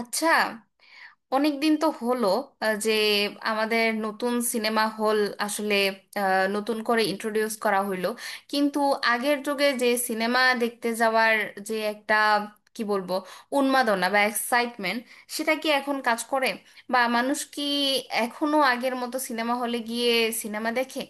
আচ্ছা, অনেক দিন তো হলো যে আমাদের নতুন সিনেমা হল আসলে নতুন করে ইন্ট্রোডিউস করা হইলো, কিন্তু আগের যুগে যে সিনেমা দেখতে যাওয়ার যে একটা, কি বলবো, উন্মাদনা বা এক্সাইটমেন্ট, সেটা কি এখন কাজ করে? বা মানুষ কি এখনো আগের মতো সিনেমা হলে গিয়ে সিনেমা দেখে?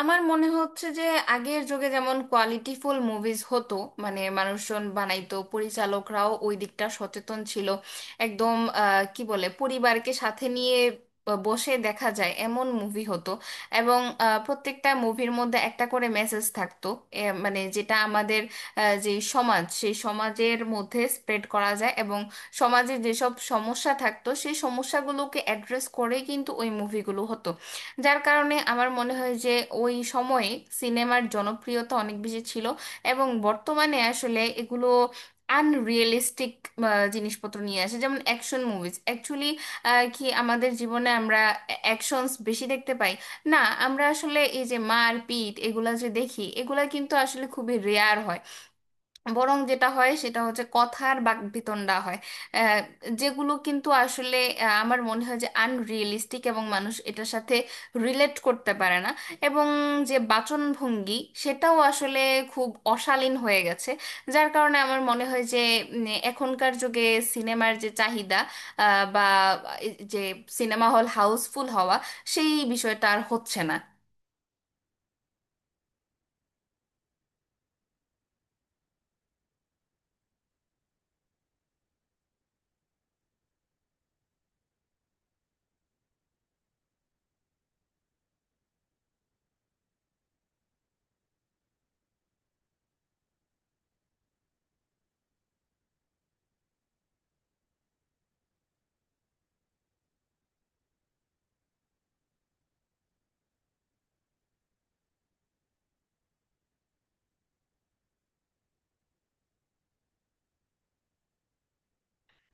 আমার মনে হচ্ছে যে আগের যুগে যেমন কোয়ালিটিফুল মুভিজ হতো, মানে মানুষজন বানাইতো, পরিচালকরাও ওই দিকটা সচেতন ছিল একদম। কি বলে, পরিবারকে সাথে নিয়ে বসে দেখা যায় এমন মুভি হতো, এবং প্রত্যেকটা মুভির মধ্যে একটা করে মেসেজ থাকতো, মানে যেটা আমাদের যে সমাজ, সেই সমাজের মধ্যে স্প্রেড করা যায়, এবং সমাজে যেসব সমস্যা থাকতো সেই সমস্যাগুলোকে অ্যাড্রেস করে কিন্তু ওই মুভিগুলো হতো। যার কারণে আমার মনে হয় যে ওই সময়ে সিনেমার জনপ্রিয়তা অনেক বেশি ছিল, এবং বর্তমানে আসলে এগুলো আনরিয়েলিস্টিক জিনিসপত্র নিয়ে আসে, যেমন অ্যাকশন মুভিজ। অ্যাকচুয়ালি কি আমাদের জীবনে আমরা অ্যাকশনস বেশি দেখতে পাই? না, আমরা আসলে এই যে মারপিট এগুলা যে দেখি, এগুলা কিন্তু আসলে খুবই রেয়ার হয়। বরং যেটা হয় সেটা হচ্ছে কথার বাকবিতণ্ডা হয়, আহ, যেগুলো কিন্তু আসলে আমার মনে হয় যে আনরিয়েলিস্টিক, এবং মানুষ এটার সাথে রিলেট করতে পারে না। এবং যে বাচনভঙ্গি, সেটাও আসলে খুব অশালীন হয়ে গেছে। যার কারণে আমার মনে হয় যে উম, এখনকার যুগে সিনেমার যে চাহিদা, বা এই যে সিনেমা হল হাউসফুল হওয়া, সেই বিষয়টা আর হচ্ছে না।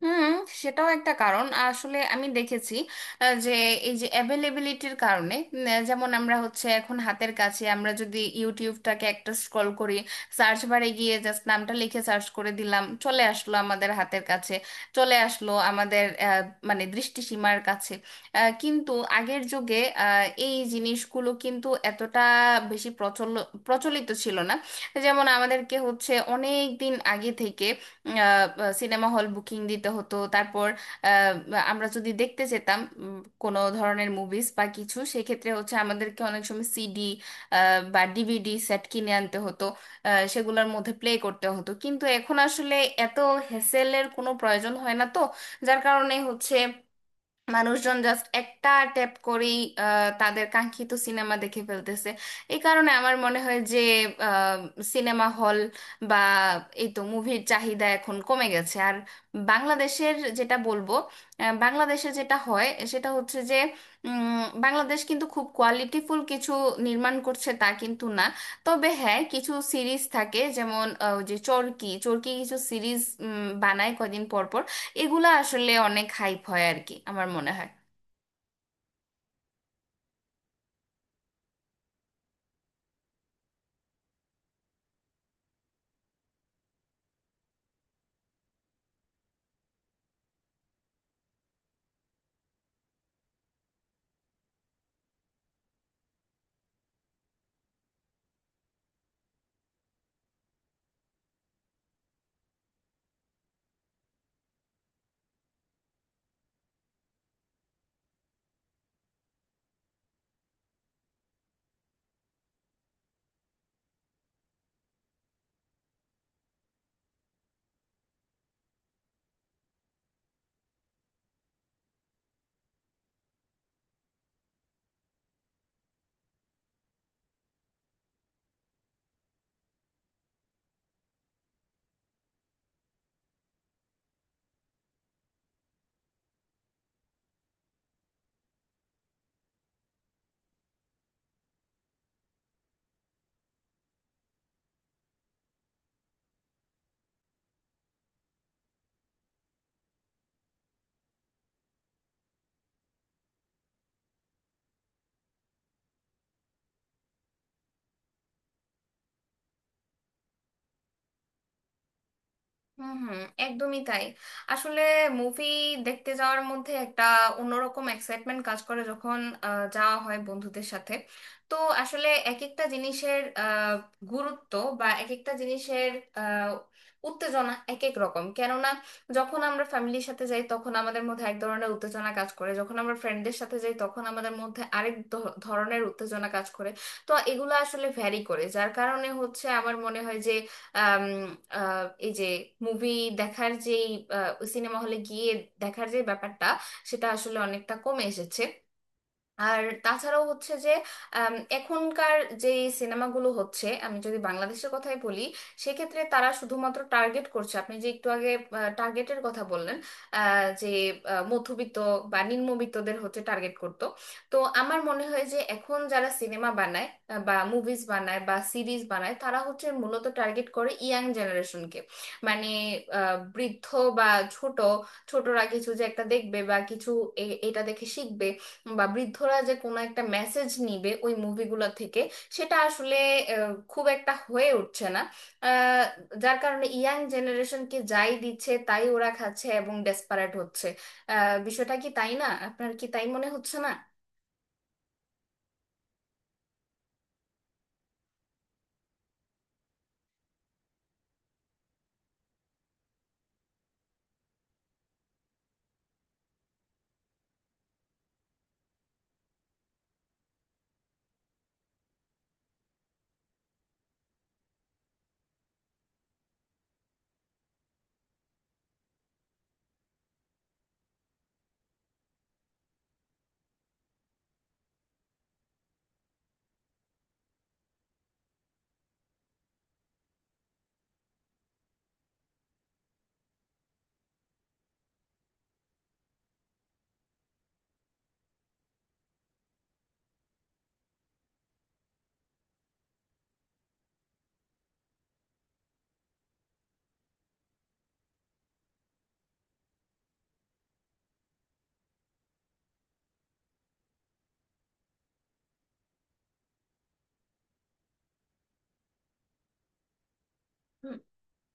হুম, সেটাও একটা কারণ। আসলে আমি দেখেছি যে এই যে অ্যাভেলেবিলিটির কারণে, যেমন আমরা হচ্ছে এখন হাতের কাছে, আমরা যদি ইউটিউবটাকে একটা স্ক্রল করি, সার্চ বারে গিয়ে জাস্ট নামটা লিখে সার্চ করে দিলাম, চলে আসলো আমাদের হাতের কাছে, চলে আসলো আমাদের মানে দৃষ্টিসীমার কাছে। কিন্তু আগের যুগে এই জিনিসগুলো কিন্তু এতটা বেশি প্রচলিত ছিল না। যেমন আমাদেরকে হচ্ছে অনেক দিন আগে থেকে সিনেমা হল বুকিং দিতে হতো, তারপর আহ, আমরা যদি দেখতে যেতাম কোনো ধরনের মুভিজ বা কিছু, সেক্ষেত্রে হচ্ছে আমাদেরকে অনেক সময় সিডি বা ডিভিডি সেট কিনে আনতে হতো, সেগুলোর মধ্যে প্লে করতে হতো। কিন্তু এখন আসলে এত হেসেলের কোনো প্রয়োজন হয় না তো, যার কারণে হচ্ছে মানুষজন জাস্ট একটা ট্যাপ করেই তাদের কাঙ্ক্ষিত সিনেমা দেখে ফেলতেছে। এই কারণে আমার মনে হয় যে সিনেমা হল, বা এই তো মুভির চাহিদা এখন কমে গেছে আর। বাংলাদেশের যেটা বলবো, বাংলাদেশে যেটা হয় সেটা হচ্ছে যে বাংলাদেশ কিন্তু খুব কোয়ালিটিফুল কিছু নির্মাণ করছে তা কিন্তু না। তবে হ্যাঁ, কিছু সিরিজ থাকে, যেমন ওই যে চরকি, কিছু সিরিজ বানায় কদিন পর পর, এগুলা আসলে অনেক হাইপ হয় আর কি, আমার মনে হয়। হুম, হুম, একদমই তাই। আসলে মুভি দেখতে যাওয়ার মধ্যে একটা অন্যরকম এক্সাইটমেন্ট কাজ করে, যখন যাওয়া হয় বন্ধুদের সাথে। তো আসলে এক একটা জিনিসের গুরুত্ব, বা এক একটা জিনিসের আহ, উত্তেজনা এক এক রকম। কেননা যখন আমরা ফ্যামিলির সাথে যাই তখন আমাদের মধ্যে এক ধরনের উত্তেজনা কাজ করে, যখন আমরা ফ্রেন্ডদের সাথে যাই তখন আমাদের মধ্যে আরেক ধরনের উত্তেজনা কাজ করে। তো এগুলো আসলে ভ্যারি করে, যার কারণে হচ্ছে আমার মনে হয় যে আম, এই যে মুভি দেখার যেই, সিনেমা হলে গিয়ে দেখার যে ব্যাপারটা, সেটা আসলে অনেকটা কমে এসেছে। আর তাছাড়াও হচ্ছে যে এখনকার যে সিনেমাগুলো হচ্ছে, আমি যদি বাংলাদেশের কথাই বলি, সেক্ষেত্রে তারা শুধুমাত্র টার্গেট করছে। আপনি যে একটু আগে টার্গেটের কথা বললেন, যে মধ্যবিত্ত বা নিম্নবিত্তদের হচ্ছে টার্গেট করতো। তো আমার মনে হয় যে এখন যারা সিনেমা বানায়, বা মুভিজ বানায় বা সিরিজ বানায়, তারা হচ্ছে মূলত টার্গেট করে ইয়াং জেনারেশনকে। মানে বৃদ্ধ বা ছোট, ছোটরা কিছু যে একটা দেখবে বা কিছু এটা দেখে শিখবে, বা বৃদ্ধরা যে কোনো একটা মেসেজ নিবে ওই মুভিগুলো থেকে, সেটা আসলে খুব একটা হয়ে উঠছে না। আহ, যার কারণে ইয়াং জেনারেশনকে যাই দিচ্ছে তাই ওরা খাচ্ছে এবং ডেসপারেট হচ্ছে। বিষয়টা কি তাই না? আপনার কি তাই মনে হচ্ছে না?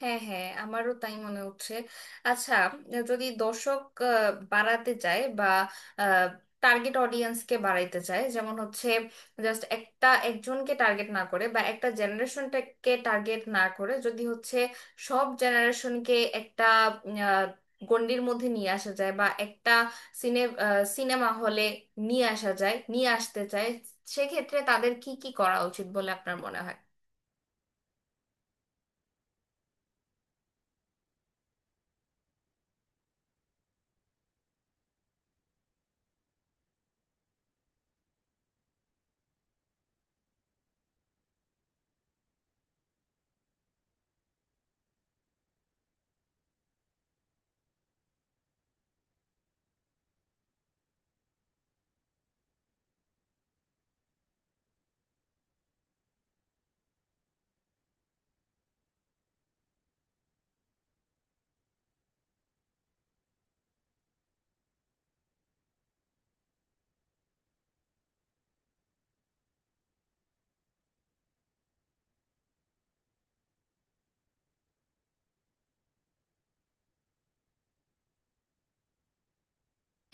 হ্যাঁ, হ্যাঁ, আমারও তাই মনে হচ্ছে। আচ্ছা, যদি দর্শক বাড়াতে চায়, বা টার্গেট অডিয়েন্সকে বাড়াইতে চায়, যেমন হচ্ছে জাস্ট একটা একজনকে টার্গেট না করে বা একটা জেনারেশনটাকে টার্গেট না করে যদি হচ্ছে সব জেনারেশনকে একটা উম, আহ, গণ্ডির মধ্যে নিয়ে আসা যায়, বা একটা সিনে সিনেমা হলে নিয়ে আসা যায়, নিয়ে আসতে চায়, সেক্ষেত্রে তাদের কি কি করা উচিত বলে আপনার মনে হয়?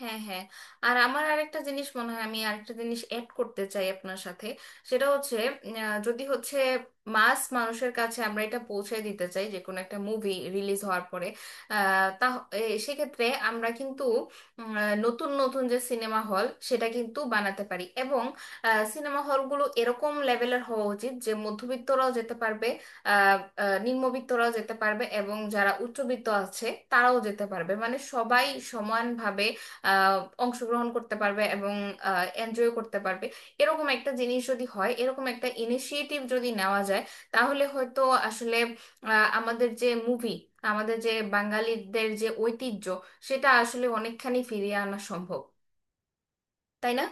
হ্যাঁ, হ্যাঁ। আর আমার আরেকটা জিনিস মনে হয়, আমি আরেকটা জিনিস অ্যাড করতে চাই আপনার সাথে। সেটা হচ্ছে যদি হচ্ছে মাস মানুষের কাছে আমরা এটা পৌঁছে দিতে চাই যে কোনো একটা মুভি রিলিজ হওয়ার পরে, তা সেক্ষেত্রে আমরা কিন্তু নতুন নতুন যে সিনেমা হল, সেটা কিন্তু বানাতে পারি। এবং সিনেমা হলগুলো এরকম লেভেলের হওয়া উচিত যে মধ্যবিত্তরাও যেতে পারবে, আহ, নিম্নবিত্তরাও যেতে পারবে, এবং যারা উচ্চবিত্ত আছে তারাও যেতে পারবে। মানে সবাই সমানভাবে আহ, অংশগ্রহণ করতে পারবে এবং এনজয় করতে পারবে। এরকম একটা জিনিস যদি হয়, এরকম একটা ইনিশিয়েটিভ যদি নেওয়া যায়, তাহলে হয়তো আসলে আমাদের যে মুভি, আমাদের যে বাঙালিদের যে ঐতিহ্য, সেটা আসলে অনেকখানি ফিরিয়ে আনা সম্ভব, তাই না?